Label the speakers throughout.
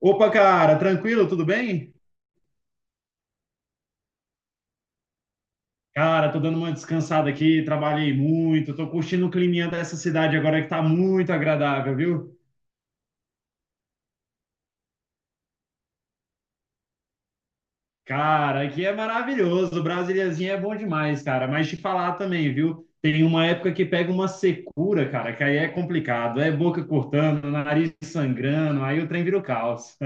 Speaker 1: Opa, cara, tranquilo, tudo bem? Cara, tô dando uma descansada aqui, trabalhei muito, tô curtindo o climinha dessa cidade agora que tá muito agradável, viu? Cara, aqui é maravilhoso, Brasíliazinha é bom demais, cara, mas te falar também, viu? Tem uma época que pega uma secura, cara, que aí é complicado, é boca cortando, nariz sangrando, aí o trem vira o caos.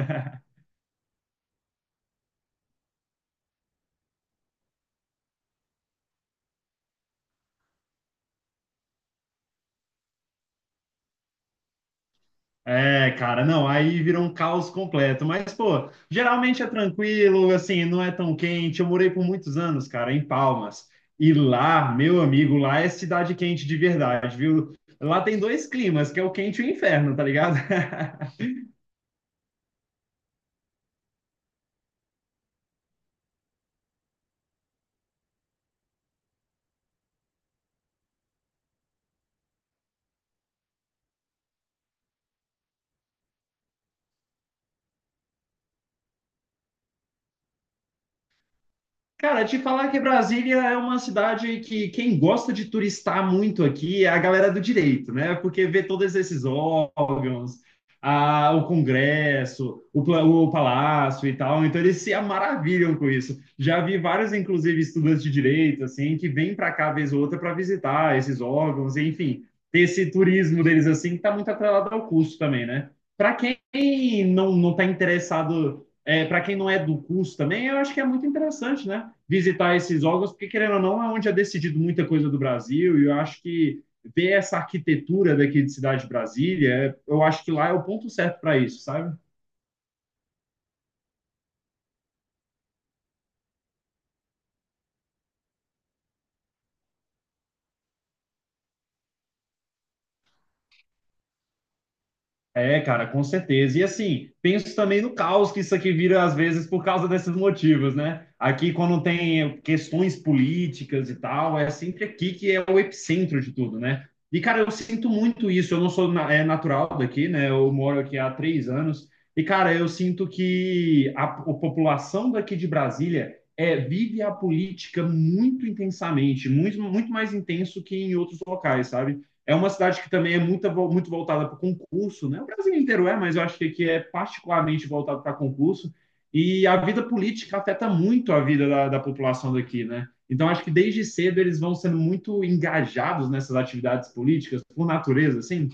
Speaker 1: É, cara, não, aí vira um caos completo. Mas, pô, geralmente é tranquilo, assim, não é tão quente. Eu morei por muitos anos, cara, em Palmas. E lá, meu amigo, lá é cidade quente de verdade, viu? Lá tem dois climas, que é o quente e o inferno, tá ligado? Cara, te falar que Brasília é uma cidade que quem gosta de turistar muito aqui é a galera do direito, né? Porque vê todos esses órgãos, o Congresso, o Palácio e tal, então eles se maravilham com isso. Já vi vários, inclusive, estudantes de direito, assim, que vêm para cá vez ou outra para visitar esses órgãos, enfim, ter esse turismo deles, assim, que está muito atrelado ao custo também, né? Para quem não está interessado para quem não é do curso também, eu acho que é muito interessante, né? Visitar esses órgãos, porque querendo ou não, é onde é decidido muita coisa do Brasil, e eu acho que ver essa arquitetura daqui de Cidade de Brasília, eu acho que lá é o ponto certo para isso, sabe? É, cara, com certeza. E assim, penso também no caos que isso aqui vira às vezes por causa desses motivos, né? Aqui, quando tem questões políticas e tal, é sempre aqui que é o epicentro de tudo, né? E, cara, eu sinto muito isso. Eu não sou natural daqui, né? Eu moro aqui há 3 anos. E, cara, eu sinto que a população daqui de Brasília vive a política muito intensamente, muito, muito mais intenso que em outros locais, sabe? É uma cidade que também é muito, muito voltada para concurso, né? O Brasil inteiro é, mas eu acho que aqui é particularmente voltado para concurso. E a vida política afeta muito a vida da população daqui, né? Então, acho que desde cedo eles vão sendo muito engajados nessas atividades políticas, por natureza, assim.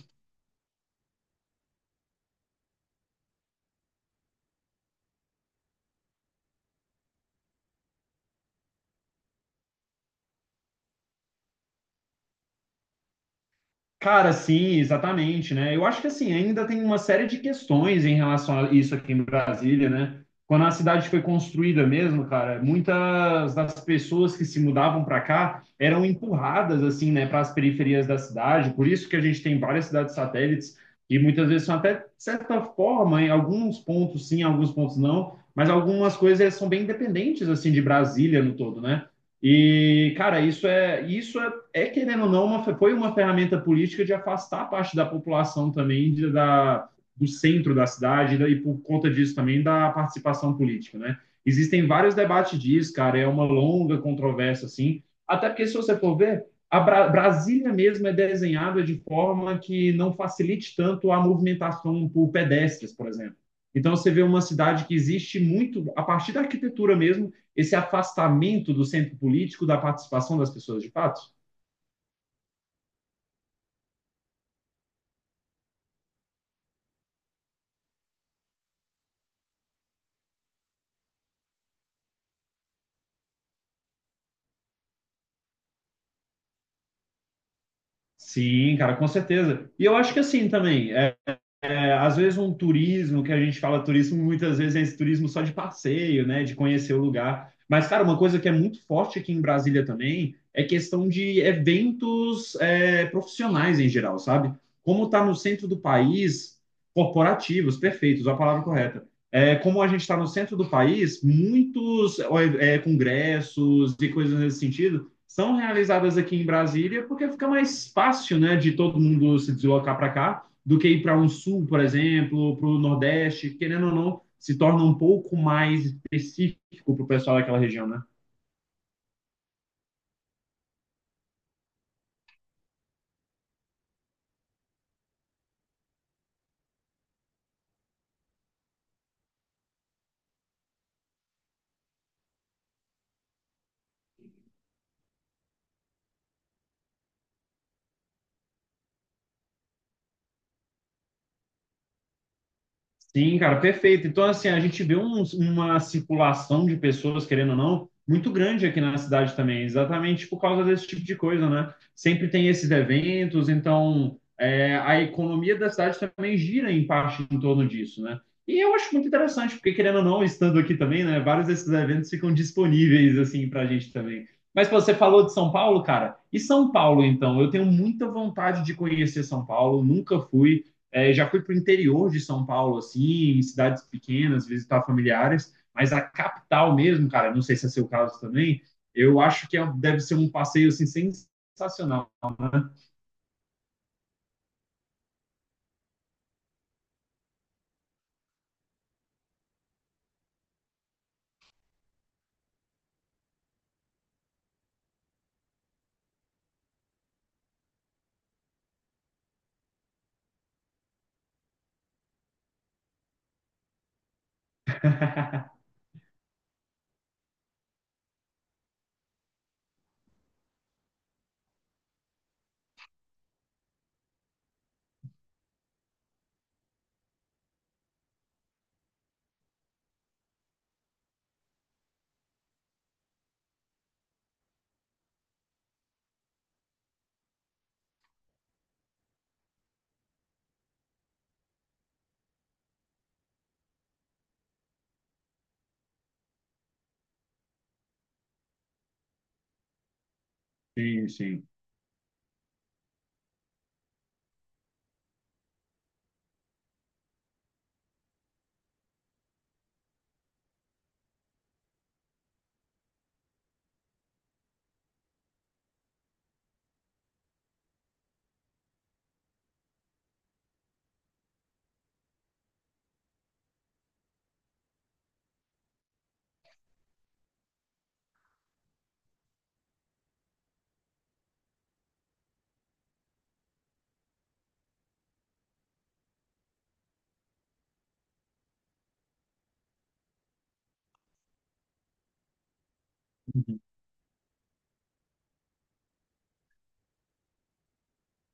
Speaker 1: Cara, sim, exatamente, né? Eu acho que assim, ainda tem uma série de questões em relação a isso aqui em Brasília, né? Quando a cidade foi construída mesmo, cara, muitas das pessoas que se mudavam para cá eram empurradas assim, né, para as periferias da cidade. Por isso que a gente tem várias cidades satélites e muitas vezes são até de certa forma, em alguns pontos sim, em alguns pontos não, mas algumas coisas são bem independentes assim de Brasília no todo, né? E, cara, querendo ou não, foi uma ferramenta política de afastar parte da população também da, do centro da cidade, né, e, por conta disso, também da participação política, né? Existem vários debates disso, cara, é uma longa controvérsia, assim, até porque, se você for ver, a Brasília mesmo é desenhada de forma que não facilite tanto a movimentação por pedestres, por exemplo. Então, você vê uma cidade que existe muito, a partir da arquitetura mesmo, esse afastamento do centro político, da participação das pessoas de fato. Sim, cara, com certeza. E eu acho que assim também. Às vezes um turismo, que a gente fala turismo, muitas vezes é esse turismo só de passeio, né, de conhecer o lugar. Mas, cara, uma coisa que é muito forte aqui em Brasília também é questão de eventos profissionais em geral, sabe? Como está no centro do país, corporativos, perfeitos, a palavra correta. É, como a gente está no centro do país, muitos congressos e coisas nesse sentido são realizadas aqui em Brasília porque fica mais fácil, né, de todo mundo se deslocar para cá do que ir para um sul, por exemplo, para o Nordeste, querendo ou não, se torna um pouco mais específico para o pessoal daquela região, né? Sim, cara, perfeito. Então, assim, a gente vê uma circulação de pessoas, querendo ou não, muito grande aqui na cidade também, exatamente por causa desse tipo de coisa, né? Sempre tem esses eventos, então a economia da cidade também gira em parte em torno disso, né? E eu acho muito interessante, porque querendo ou não, estando aqui também, né, vários desses eventos ficam disponíveis, assim, pra gente também. Mas pô, você falou de São Paulo, cara, e São Paulo, então? Eu tenho muita vontade de conhecer São Paulo, nunca fui. É, já fui para o interior de São Paulo, assim, em cidades pequenas, visitar familiares, mas a capital mesmo, cara, não sei se é seu caso também, eu acho que deve ser um passeio assim, sensacional. Né? Sim, sim.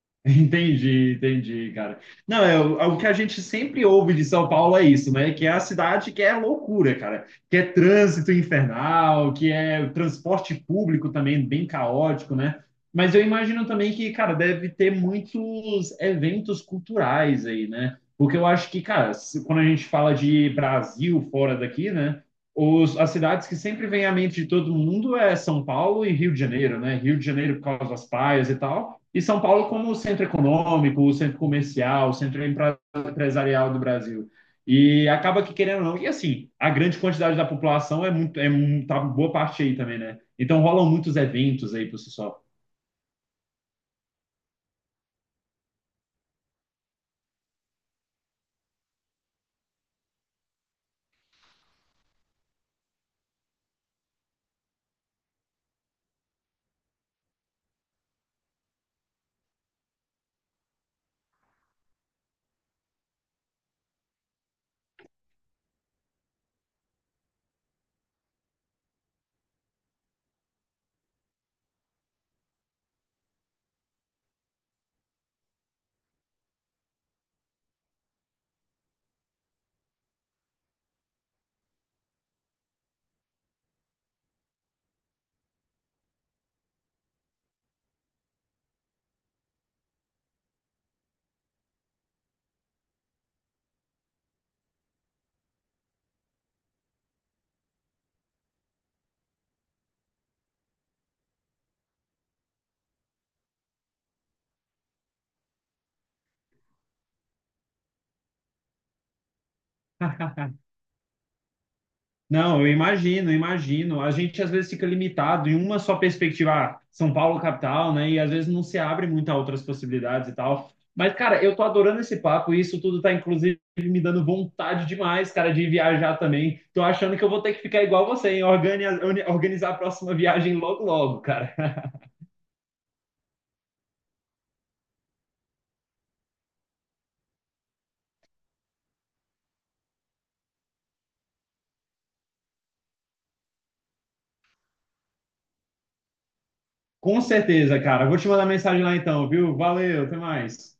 Speaker 1: Entendi, entendi, cara. Não, é, o é o que a gente sempre ouve de São Paulo é isso, né? Que é a cidade que é loucura, cara. Que é trânsito infernal, que é transporte público também bem caótico, né? Mas eu imagino também que, cara, deve ter muitos eventos culturais aí, né? Porque eu acho que, cara, quando a gente fala de Brasil fora daqui, né? As cidades que sempre vem à mente de todo mundo é São Paulo e Rio de Janeiro, né? Rio de Janeiro por causa das praias e tal. E São Paulo como centro econômico, centro comercial, centro empresarial do Brasil. E acaba que querendo ou não, e assim, a grande quantidade da população é muito, tá boa parte aí também, né? Então rolam muitos eventos aí por si só. Não, eu imagino, eu imagino. A gente às vezes fica limitado em uma só perspectiva, ah, São Paulo capital, né? E às vezes não se abre muito a outras possibilidades e tal. Mas, cara, eu tô adorando esse papo e isso tudo tá, inclusive, me dando vontade demais, cara, de viajar também. Tô achando que eu vou ter que ficar igual você, hein? Organizar a próxima viagem logo, logo, cara. Com certeza, cara. Vou te mandar mensagem lá então, viu? Valeu, até mais.